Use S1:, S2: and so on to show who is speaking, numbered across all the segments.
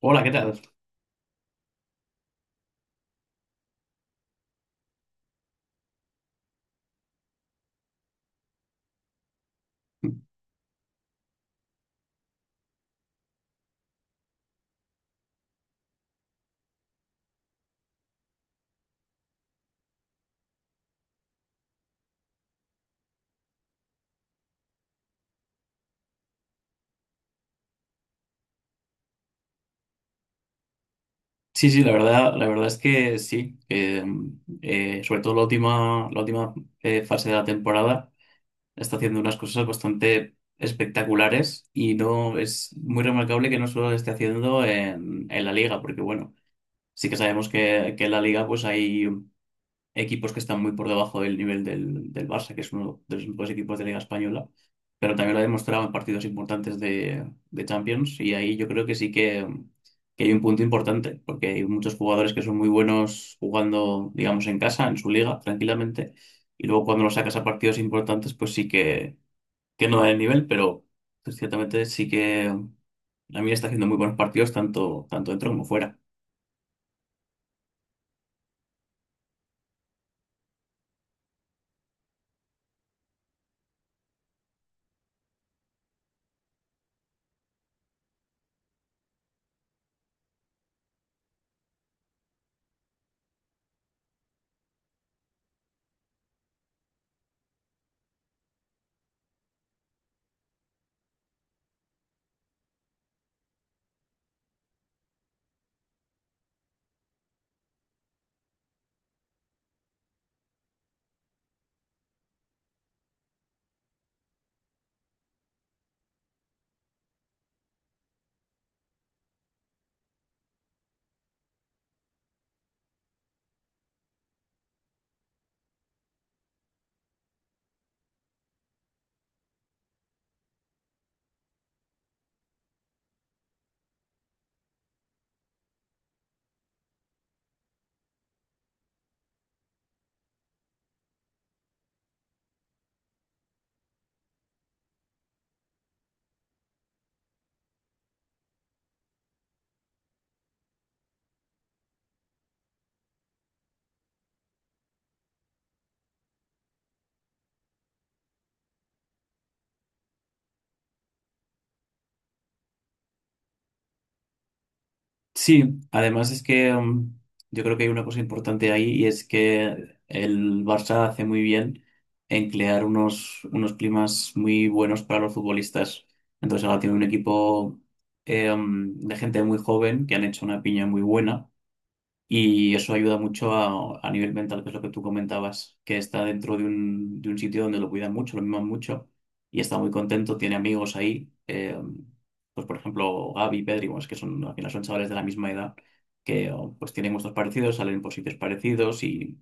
S1: Hola, ¿qué tal? Sí, sí, la verdad es que sí. Sobre todo la última, la última fase de la temporada está haciendo unas cosas bastante espectaculares y no es muy remarcable que no solo lo esté haciendo en la liga, porque bueno, sí que sabemos que en la liga pues hay equipos que están muy por debajo del nivel del Barça, que es uno de los mejores equipos de Liga Española, pero también lo ha demostrado en partidos importantes de Champions y ahí yo creo que que hay un punto importante, porque hay muchos jugadores que son muy buenos jugando, digamos, en casa, en su liga, tranquilamente, y luego cuando los sacas a partidos importantes, que no da el nivel, pero pues, ciertamente sí que la mí está haciendo muy buenos partidos tanto dentro como fuera. Sí, además es que yo creo que hay una cosa importante ahí y es que el Barça hace muy bien en crear unos climas muy buenos para los futbolistas. Entonces ahora tiene un equipo de gente muy joven que han hecho una piña muy buena. Y eso ayuda mucho a nivel mental, que es lo que tú comentabas, que está dentro de de un sitio donde lo cuidan mucho, lo miman mucho, y está muy contento, tiene amigos ahí, pues por ejemplo Gaby, Pedri, bueno, es que son, al final son chavales de la misma edad, que oh, pues tienen gustos parecidos, salen por sitios parecidos, y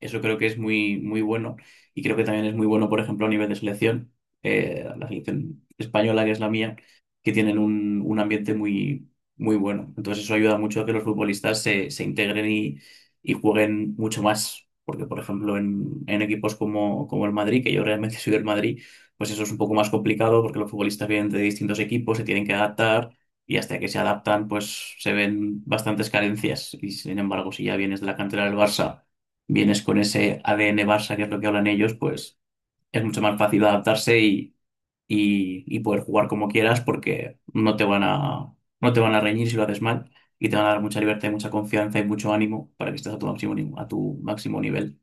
S1: eso creo que es muy, muy bueno, y creo que también es muy bueno, por ejemplo, a nivel de selección, la selección española, que es la mía, que tienen un ambiente muy muy bueno. Entonces eso ayuda mucho a que los futbolistas se integren y jueguen mucho más. Porque, por ejemplo, en equipos como, como el Madrid, que yo realmente soy del Madrid, pues eso es un poco más complicado porque los futbolistas vienen de distintos equipos, se tienen que adaptar y hasta que se adaptan, pues se ven bastantes carencias. Y sin embargo, si ya vienes de la cantera del Barça, vienes con ese ADN Barça, que es lo que hablan ellos, pues es mucho más fácil adaptarse y poder jugar como quieras porque no te van a reñir si lo haces mal y te van a dar mucha libertad, y mucha confianza y mucho ánimo para que estés a tu máximo, a tu máximo nivel.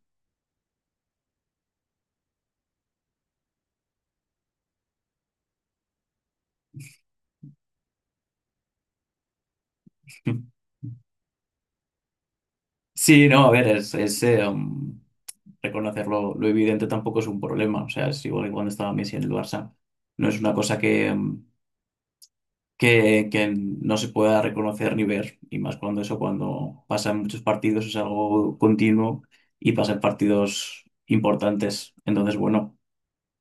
S1: Sí, no, a ver, es reconocerlo, lo evidente tampoco es un problema, o sea, es igual que cuando estaba Messi en el Barça, no es una cosa que no se pueda reconocer ni ver, y más cuando eso, cuando pasa en muchos partidos, es algo continuo y pasa en partidos importantes, entonces, bueno.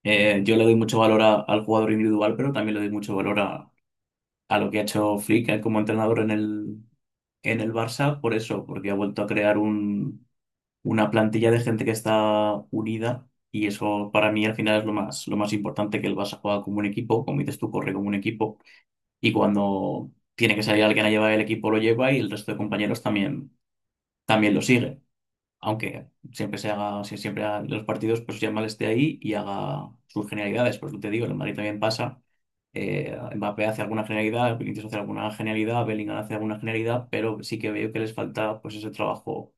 S1: Yo le doy mucho valor al jugador individual, pero también le doy mucho valor a lo que ha hecho Flick como entrenador en el Barça, por eso, porque ha vuelto a crear una plantilla de gente que está unida y eso para mí al final es lo más importante, que el Barça juega como un equipo, como dices tú, corre como un equipo y cuando tiene que salir alguien a llevar el equipo lo lleva y el resto de compañeros también, también lo sigue aunque siempre se haga, si- siempre haga los partidos, pues Yamal esté ahí y haga sus genialidades, porque te digo, el Madrid también pasa, Mbappé hace alguna genialidad, Vinicius hace alguna genialidad, Bellingham hace alguna genialidad, pero sí que veo que les falta pues ese trabajo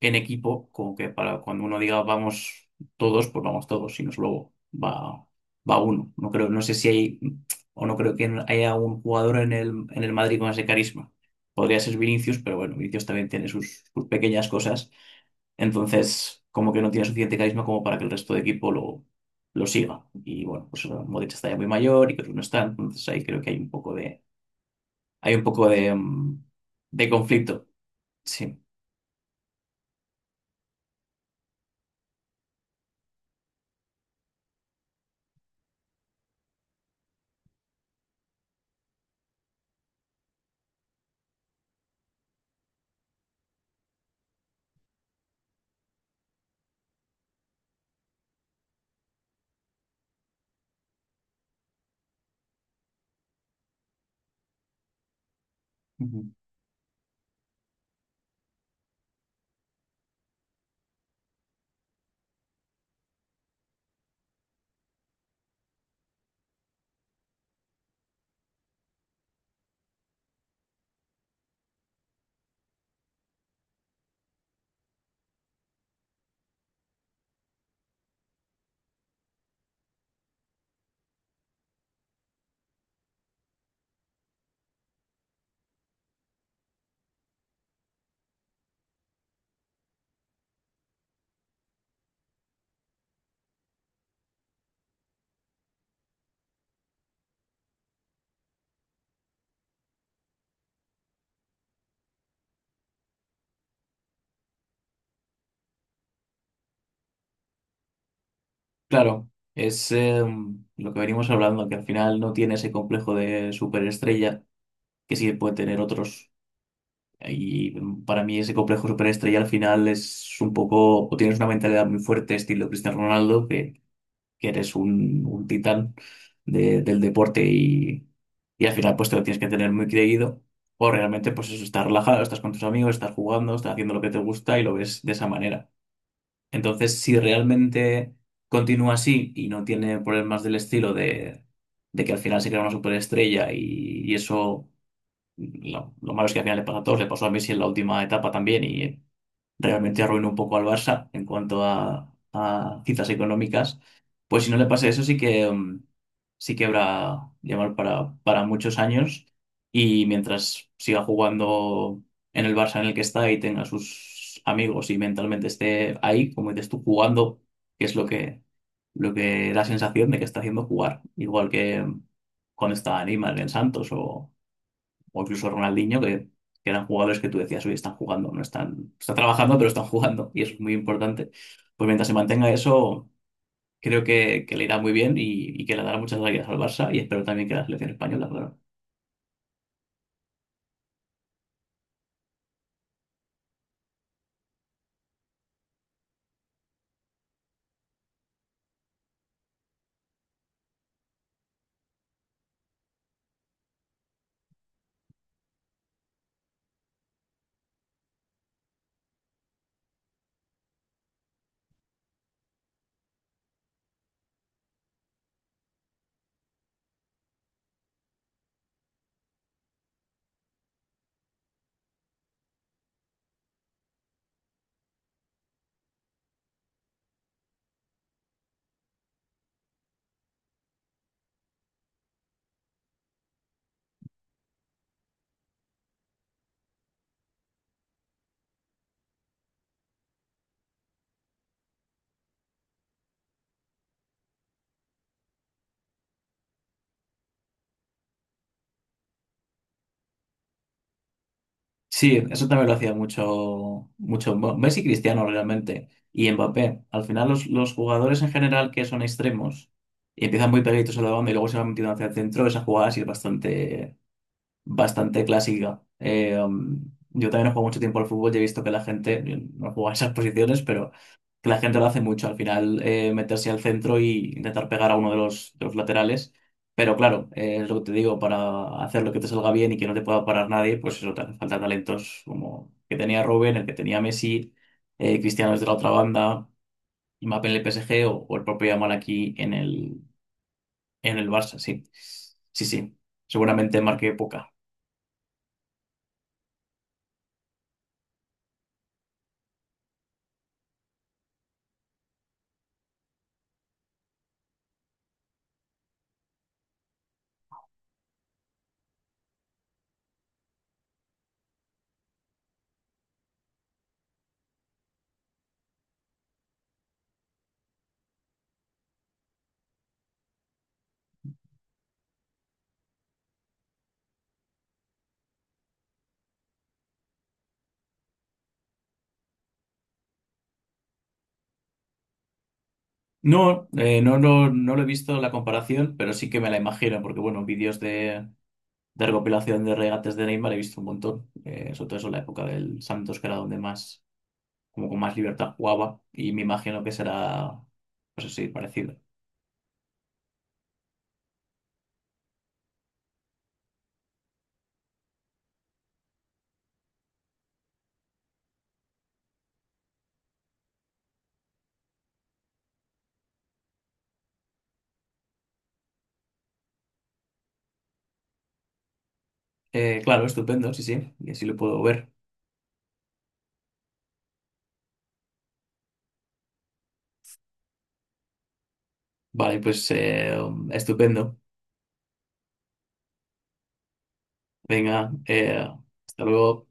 S1: en equipo, como que para cuando uno diga vamos todos, pues vamos todos, si no solo va, va uno. No creo, no sé si hay, o no creo que haya un jugador en el Madrid con ese carisma. Podría ser Vinicius, pero bueno, Vinicius también tiene sus pequeñas cosas entonces, como que no tiene suficiente carisma como para que el resto de equipo lo siga. Y bueno, pues Modric está ya muy mayor y otros no está. Entonces ahí creo que hay un poco de de conflicto. Sí. Ujú. Claro, es lo que venimos hablando, que al final no tiene ese complejo de superestrella que sí puede tener otros. Y para mí ese complejo superestrella al final es un poco, o tienes una mentalidad muy fuerte, estilo Cristiano Ronaldo, que eres un titán del deporte y al final pues te lo tienes que tener muy creído. O realmente pues eso, estás relajado, estás con tus amigos, estás jugando, estás haciendo lo que te gusta y lo ves de esa manera. Entonces, si realmente continúa así y no tiene problemas del estilo de que al final se crea una superestrella y eso, lo malo es que al final le pasa a todos, le pasó a Messi en la última etapa también y realmente arruinó un poco al Barça en cuanto a cifras económicas, pues si no le pasa eso sí que sí que habrá llamar para muchos años y mientras siga jugando en el Barça en el que está y tenga sus amigos y mentalmente esté ahí, como dices tú, jugando, que es lo que da sensación de que está haciendo jugar, igual que cuando estaba Neymar en Santos o incluso Ronaldinho, que eran jugadores que tú decías, hoy están jugando, no están, están trabajando, pero están jugando, y eso es muy importante. Pues mientras se mantenga eso, creo que le irá muy bien y que le dará muchas alegrías al Barça, y espero también que la selección española, claro. Sí, eso también lo hacía mucho, Messi y Cristiano realmente, y Mbappé. Al final, los jugadores en general que son extremos y empiezan muy pegaditos a la banda y luego se van metiendo hacia el centro, esa jugada sí es bastante clásica. Yo también no juego mucho tiempo al fútbol y he visto que la gente, yo no juego a esas posiciones, pero que la gente lo hace mucho. Al final, meterse al centro y intentar pegar a uno de los laterales. Pero claro, es lo que te digo, para hacer lo que te salga bien y que no te pueda parar nadie, pues eso te hace falta talentos como el que tenía Robben, el que tenía Messi, Cristiano desde la otra banda, Mbappé en el PSG o el propio Yamal aquí en el Barça, sí. Sí, sí. Seguramente marqué poca. No, no lo he visto la comparación, pero sí que me la imagino, porque bueno, vídeos de recopilación de regates de Neymar he visto un montón, sobre todo eso en la época del Santos, que era donde más, como con más libertad jugaba, y me imagino que será, pues así, parecido. Claro, estupendo, sí, sí, y así lo puedo ver. Vale, pues estupendo. Venga, hasta luego.